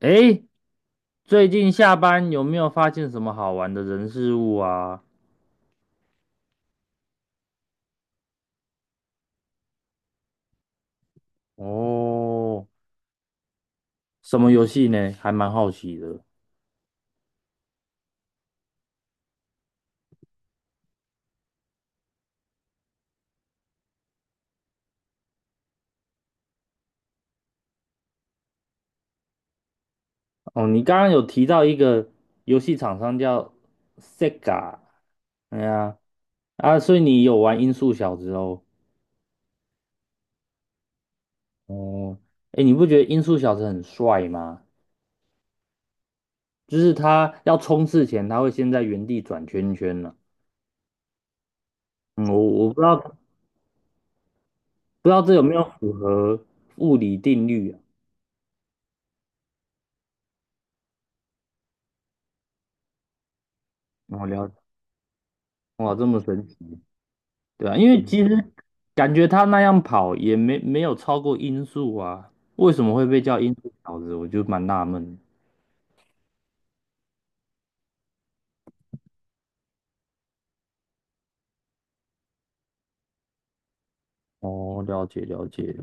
诶，最近下班有没有发现什么好玩的人事物啊？哦，什么游戏呢？还蛮好奇的。哦，你刚刚有提到一个游戏厂商叫 Sega,哎呀，所以你有玩《音速小子》哦。哦，诶，你不觉得《音速小子》很帅吗？就是他要冲刺前，他会先在原地转圈圈呢、嗯，我不知道不知道这有没有符合物理定律啊？我了解，哇，这么神奇。对啊，因为其实感觉他那样跑也没有超过音速啊，为什么会被叫音速小子？我就蛮纳闷。哦，了解了解。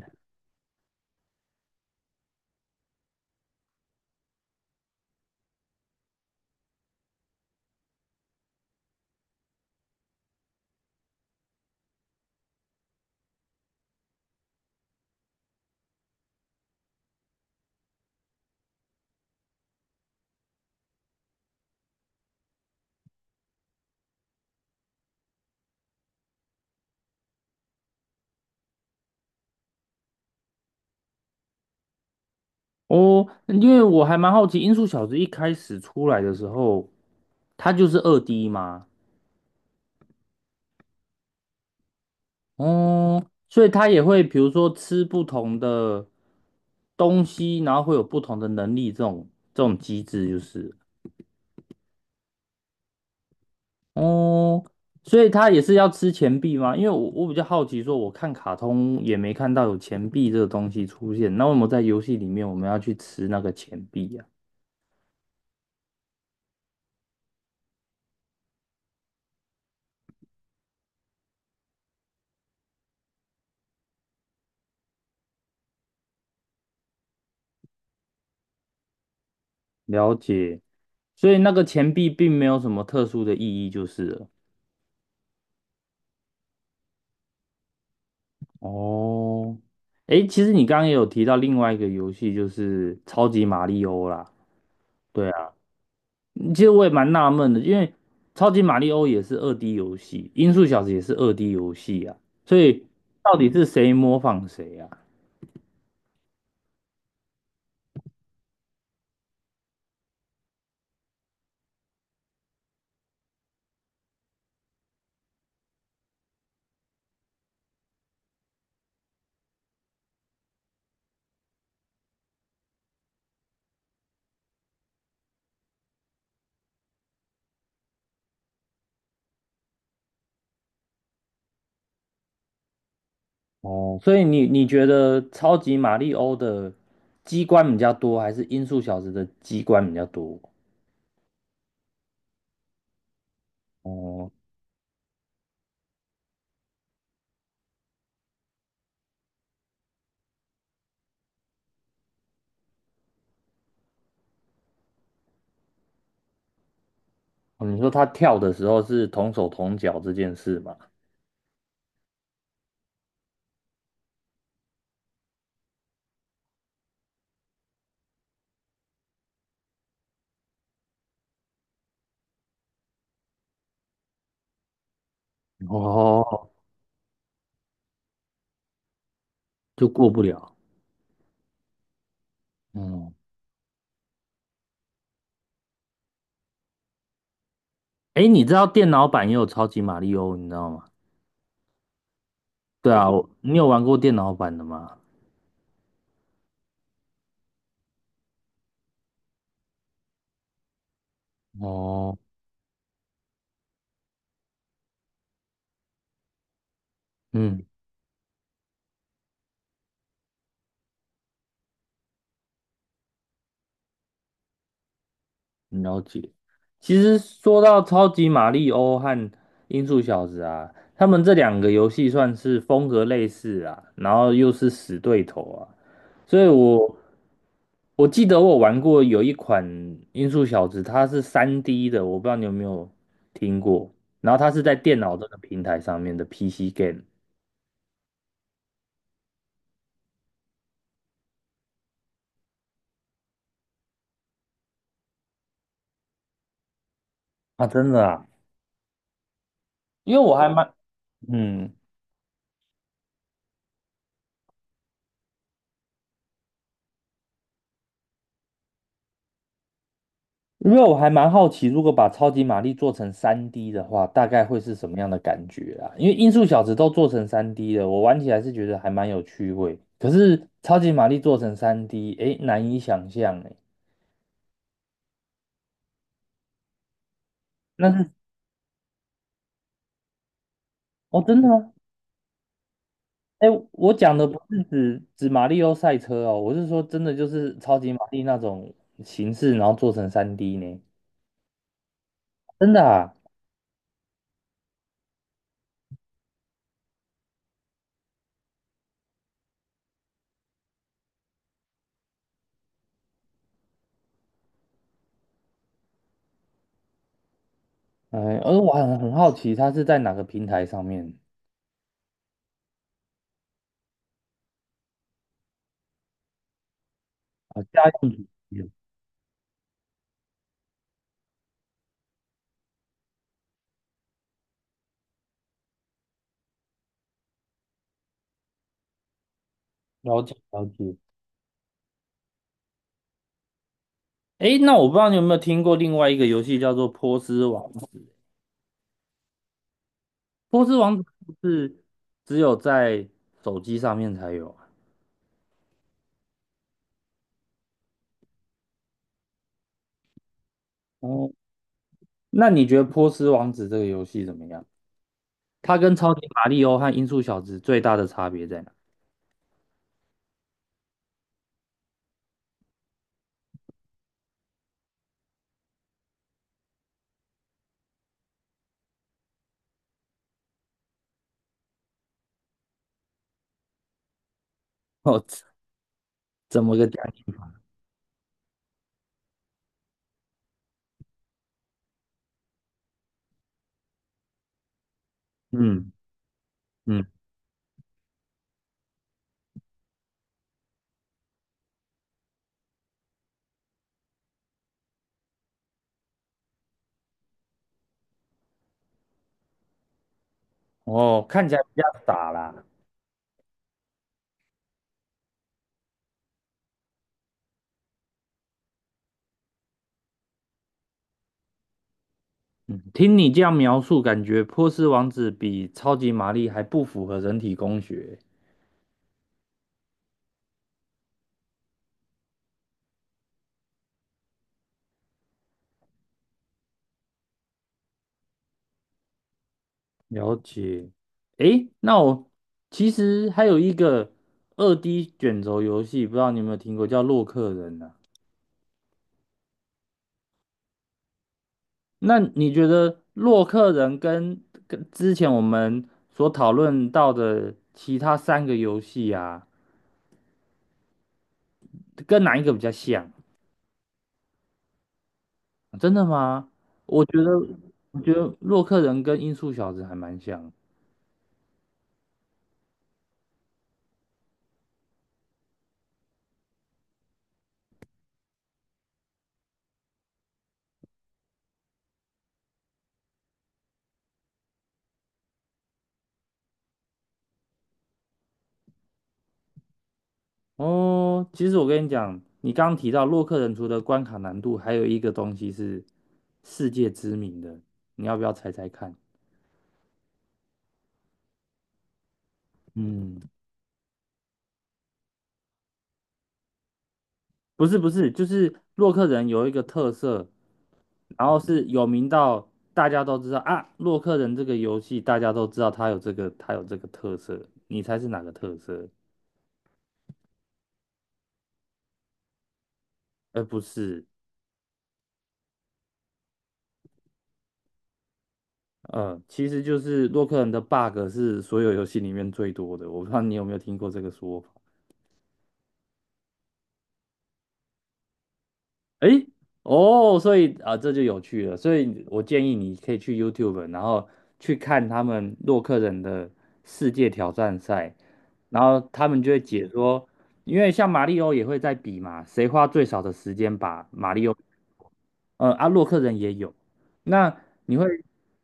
哦，因为我还蛮好奇，音速小子一开始出来的时候，他就是二 D 吗？哦，所以他也会比如说吃不同的东西，然后会有不同的能力，这种机制就是。哦，所以他也是要吃钱币吗？因为我比较好奇，说我看卡通也没看到有钱币这个东西出现，那为什么在游戏里面我们要去吃那个钱币呀？了解，所以那个钱币并没有什么特殊的意义，就是了。哦，诶，其实你刚刚也有提到另外一个游戏，就是超级马里欧啦。对啊。其实我也蛮纳闷的，因为超级马里奥也是二 D 游戏，音速小子也是二 D 游戏啊，所以到底是谁模仿谁啊？哦，所以你觉得超级马里奥的机关比较多，还是音速小子的机关比较多？哦，你说他跳的时候是同手同脚这件事嘛？哦，就过不了。嗯，哎，你知道电脑版也有超级马里奥，你知道吗？对啊，你有玩过电脑版的吗？哦，嗯。了解。其实说到超级马里欧和音速小子啊，他们这两个游戏算是风格类似啊，然后又是死对头啊，所以我记得我玩过有一款音速小子，它是三 d 的，我不知道你有没有听过。然后它是在电脑这个平台上面的 PC game, 啊，真的啊，因为我还蛮嗯，因为我还蛮好奇，如果把超级玛丽做成三 d 的话，大概会是什么样的感觉啊？因为音速小子都做成三 d 了，我玩起来是觉得还蛮有趣味。可是超级玛丽做成三 d 诶，难以想象诶。那是，哦，真的吗？诶，我讲的不是指马里奥赛车哦，我是说真的就是超级玛丽那种形式，然后做成三 d 呢？真的啊？哎，而我很好奇，它是在哪个平台上面啊？家用主机哦，了解了解。诶，那我不知道你有没有听过另外一个游戏叫做《波斯王子》，《波斯王子》是只有在手机上面才有啊。哦，那你觉得《波斯王子》这个游戏怎么样？它跟《超级马里奥》和《音速小子》最大的差别在哪？哦，怎么个讲？嗯嗯，哦，看起来比较傻啦。嗯，听你这样描述，感觉《波斯王子》比《超级玛丽》还不符合人体工学。了解。诶，那我其实还有一个二 D 卷轴游戏，不知道你有没有听过，叫《洛克人》呢、那你觉得《洛克人》跟之前我们所讨论到的其他三个游戏啊，跟哪一个比较像？真的吗？我觉得，我觉得《洛克人》跟《音速小子》还蛮像。哦，其实我跟你讲，你刚刚提到洛克人除了关卡难度，还有一个东西是世界知名的，你要不要猜猜看？嗯，不是不是，就是洛克人有一个特色，然后是有名到大家都知道啊，洛克人这个游戏大家都知道它有这个特色，你猜是哪个特色？而不是，其实就是洛克人的 bug 是所有游戏里面最多的，我不知道你有没有听过这个说法。诶，哦，所以啊，这就有趣了。所以我建议你可以去 YouTube,然后去看他们洛克人的世界挑战赛，然后他们就会解说，因为像马里奥也会在比嘛，谁花最少的时间把马里奥，洛克人也有。那你会，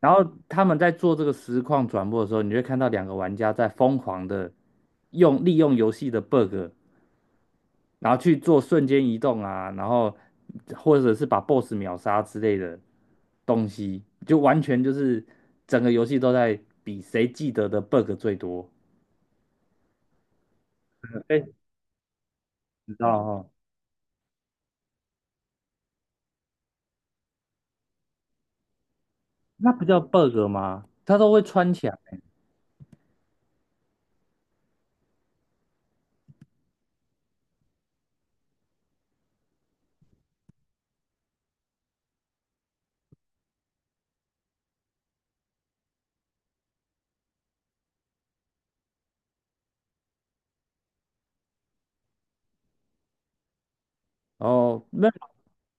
然后他们在做这个实况转播的时候，你会看到两个玩家在疯狂的利用游戏的 bug 然后去做瞬间移动啊，然后或者是把 BOSS 秒杀之类的东西，就完全就是整个游戏都在比谁记得的 bug 最多。哎，知道哦，那不叫 bug 吗？它都会穿墙欸，哦，没有，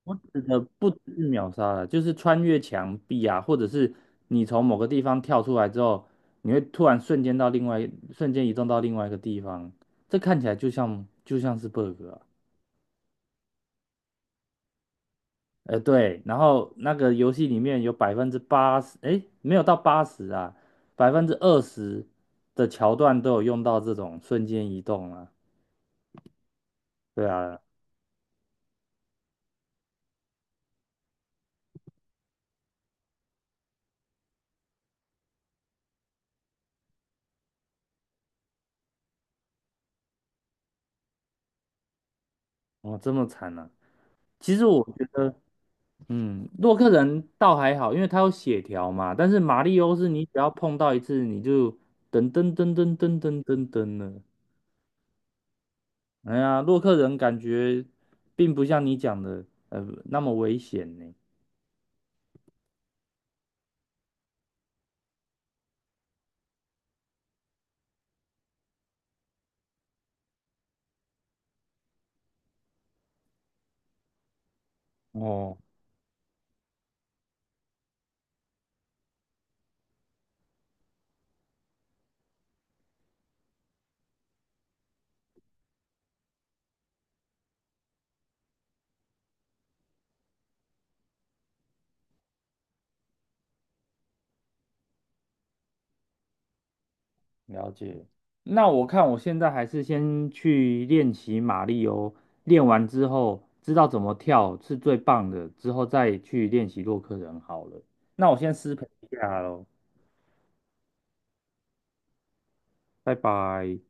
我指的不只是秒杀了，就是穿越墙壁啊，或者是你从某个地方跳出来之后，你会突然瞬间到另外，瞬间移动到另外一个地方，这看起来就像是 bug 啊。对，然后那个游戏里面有80%，诶，没有到八十啊，20%的桥段都有用到这种瞬间移动啊。对啊，哦，这么惨啊。其实我觉得，嗯，洛克人倒还好，因为它有血条嘛。但是马里欧是你只要碰到一次，你就噔噔噔噔噔噔噔噔了。哎呀，洛克人感觉并不像你讲的，那么危险呢。哦。了解。那我看我现在还是先去练习马力欧，练完之后知道怎么跳是最棒的，之后再去练习洛克人好了。那我先失陪一下喽，拜拜。